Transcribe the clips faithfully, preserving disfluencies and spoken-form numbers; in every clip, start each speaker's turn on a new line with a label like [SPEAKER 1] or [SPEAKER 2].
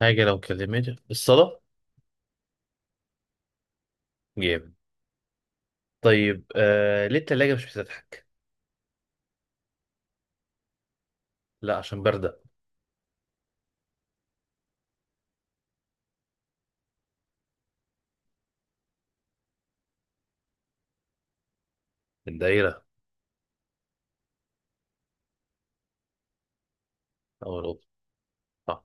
[SPEAKER 1] حاجة لو كلمت الصلاة. جامد. طيب، آه ليه التلاجة مش بتضحك؟ لا، عشان باردة. الدايرة أو الأوضة. آه.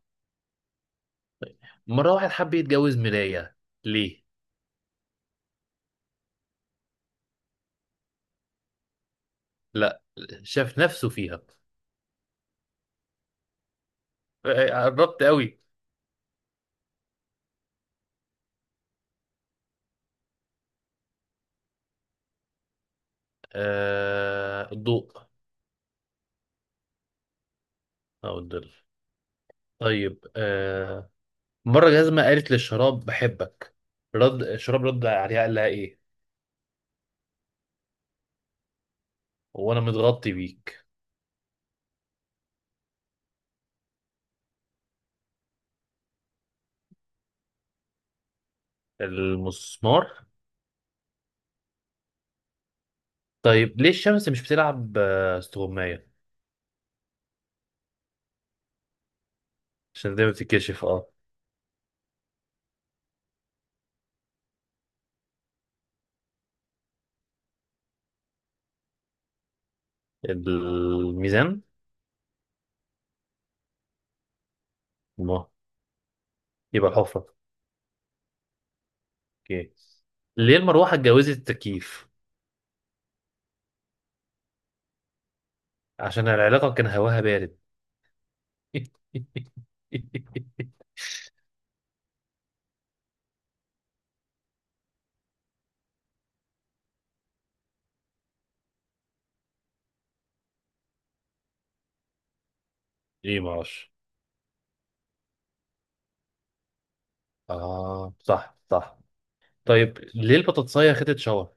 [SPEAKER 1] مرة واحد حب يتجوز مراية. ليه؟ لا، شاف نفسه فيها. آه، آه، قربت قوي. آه الضوء أو الظل. طيب، آه مرة جزمة قالت للشراب بحبك. رد الشراب، رد عليها، قال لها إيه؟ وأنا متغطي بيك. المسمار. طيب ليه الشمس مش بتلعب آه، استغماية؟ عشان دايما بتتكشف. اه، الميزان ما يبقى الحفرة. اوكي. ليه المروحة اتجوزت التكييف؟ عشان العلاقة كان هواها بارد. ايه معرفش. اه، صح، صح. طيب ليه البطاطساية خدت شاور؟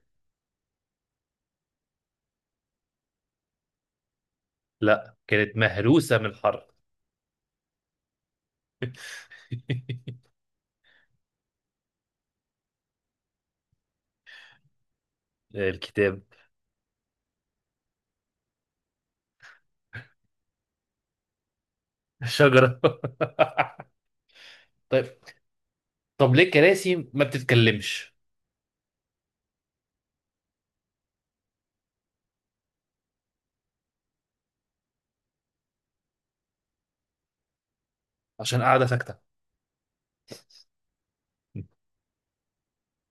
[SPEAKER 1] لا، كانت مهروسة من الحر. الكتاب. الشجرة. طيب. طب ليه الكراسي ما بتتكلمش؟ عشان قاعدة ساكتة.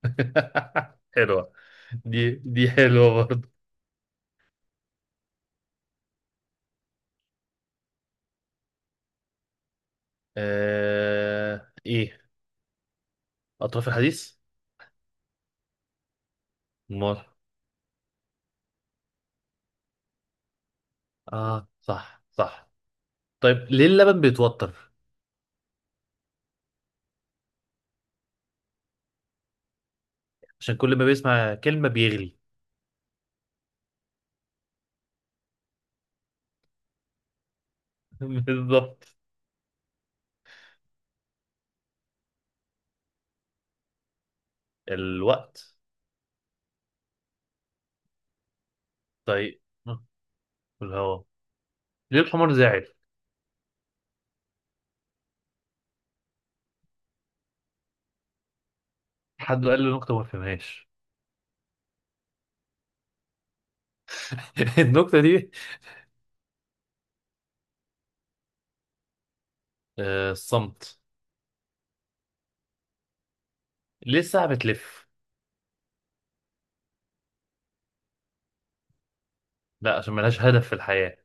[SPEAKER 1] حلوة. دي دي حلوة. آه... ايه اطراف الحديث. امال. اه، صح، صح. طيب ليه اللبن بيتوتر؟ عشان كل ما بيسمع كلمة بيغلي. بالظبط. الوقت. طيب الهواء. ليه الحمار زاعل؟ حد قال له نكتة ما فهمهاش. النكتة دي. آه... الصمت. ليه الساعة بتلف؟ لا، عشان ملهاش هدف في الحياة.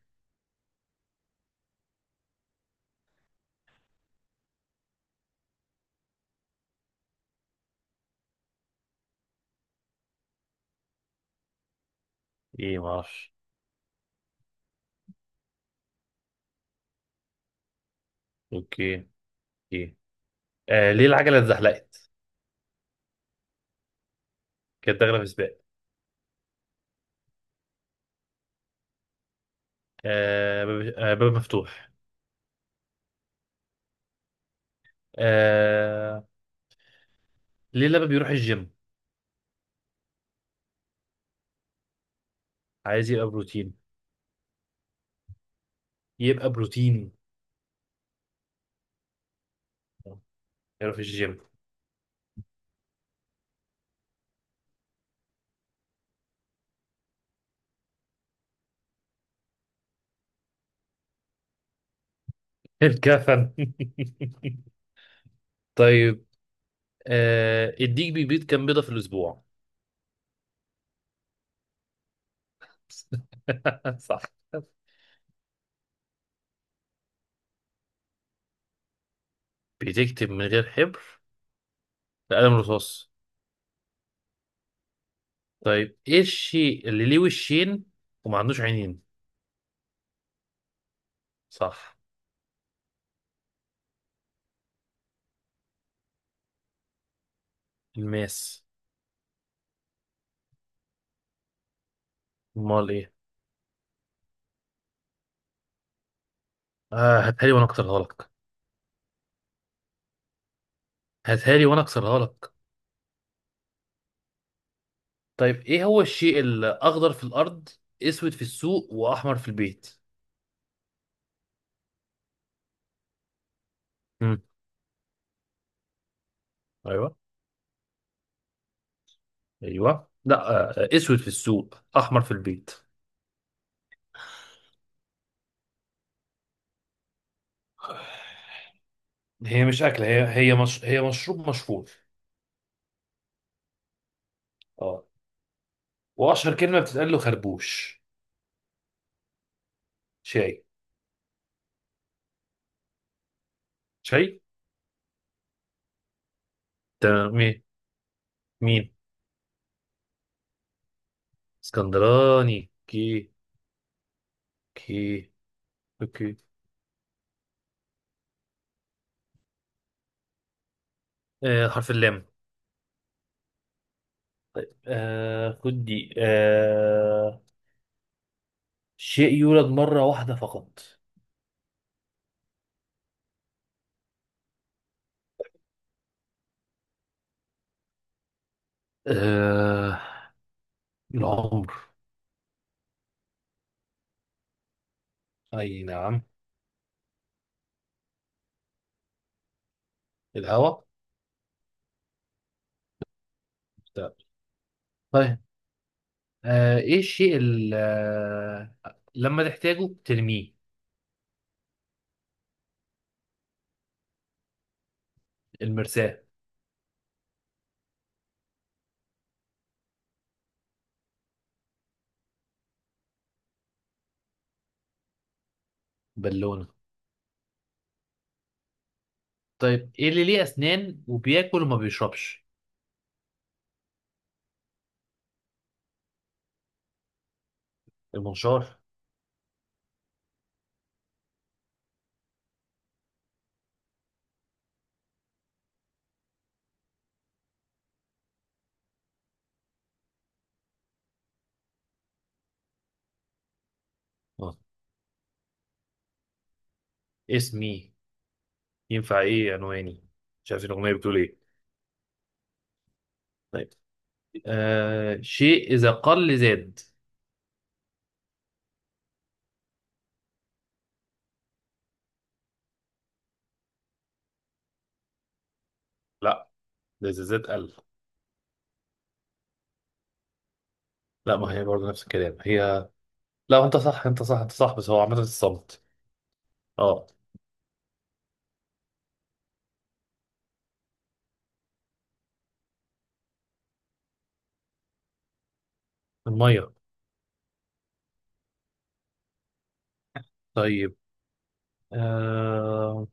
[SPEAKER 1] ايه ما اعرفش. اوكي. ايه. آه... ليه العجلة اتزحلقت؟ كانت داخلة في سباق. آه... باب آه... باب مفتوح. آه... ليه لما بيروح الجيم عايز يبقى بروتين؟ يبقى بروتين. يروح الجيم. الكفن. طيب. آه الديك بيبيض كام بيضة في الأسبوع؟ صح. بتكتب من غير حبر؟ بقلم رصاص. طيب ايه الشيء اللي ليه وشين وما عندوش عينين؟ صح. الماس. امال ايه؟ آه هاتها لي وانا اكسرها لك. هاتها لي وانا اكسرها لك. طيب ايه هو الشيء الاخضر في الارض، اسود في السوق واحمر في البيت؟ امم. ايوه. ايوه لا. آه، اسود في السوق، احمر في البيت. هي مش أكلة. هي هي مش... هي مشروب مشهور. اه. وأشهر كلمة بتتقال له خربوش. شاي. شاي. تمام. مين؟ مين؟ اسكندراني. كي. كي. اوكي. آه حرف اللام. آه خد دي. آه شيء يولد مرة واحدة فقط. آه العمر. أي نعم. الهوا. لا. آه ايه الشيء اللي آه لما تحتاجه ترميه. المرساة. بالونة. طيب ايه اللي ليه اسنان وبياكل وما بيشربش؟ المنشار. اه، اسمي. ينفع ايه عنواني. مش عارف الاغنيه بتقول ايه. طيب، آه شيء اذا قل زاد. لا، ده زيزات قال. لا، ما هي برضه نفس الكلام هي. لا انت صح، انت صح، انت صح، بس هو عامه الصمت. اه. المية. طيب. آه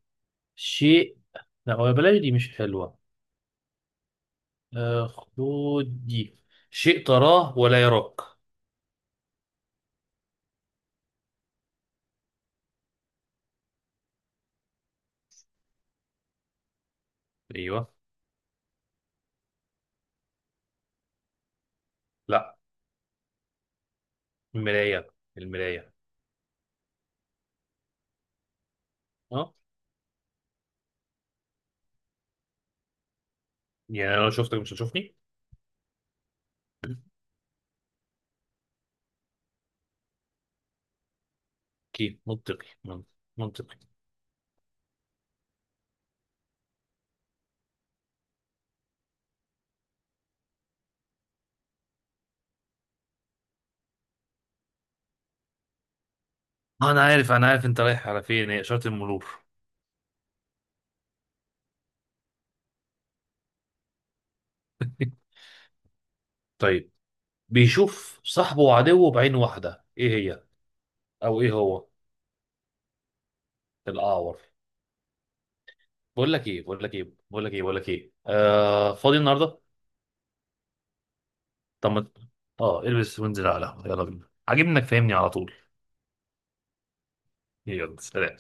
[SPEAKER 1] شيء لا هو بلاش دي مش حلوة. آه، خدود دي. شيء تراه ولا يراك. ايوه. لا. المرايه. المرايه. اه. يعني انا لو شفتك مش هتشوفني. اكيد منطقي من- منطقي. أه، انا عارف، انا عارف، انت رايح على فين، هي اشاره المرور. طيب بيشوف صاحبه وعدوه بعين واحده. ايه هي؟ او ايه هو؟ الاعور. بقول لك ايه، بقول لك ايه بقول لك ايه بقول لك ايه آه فاضي النهارده. طب ما- اه، البس وانزل على القهوة. يلا بينا، عاجبنك فاهمني على طول. يلا سلام.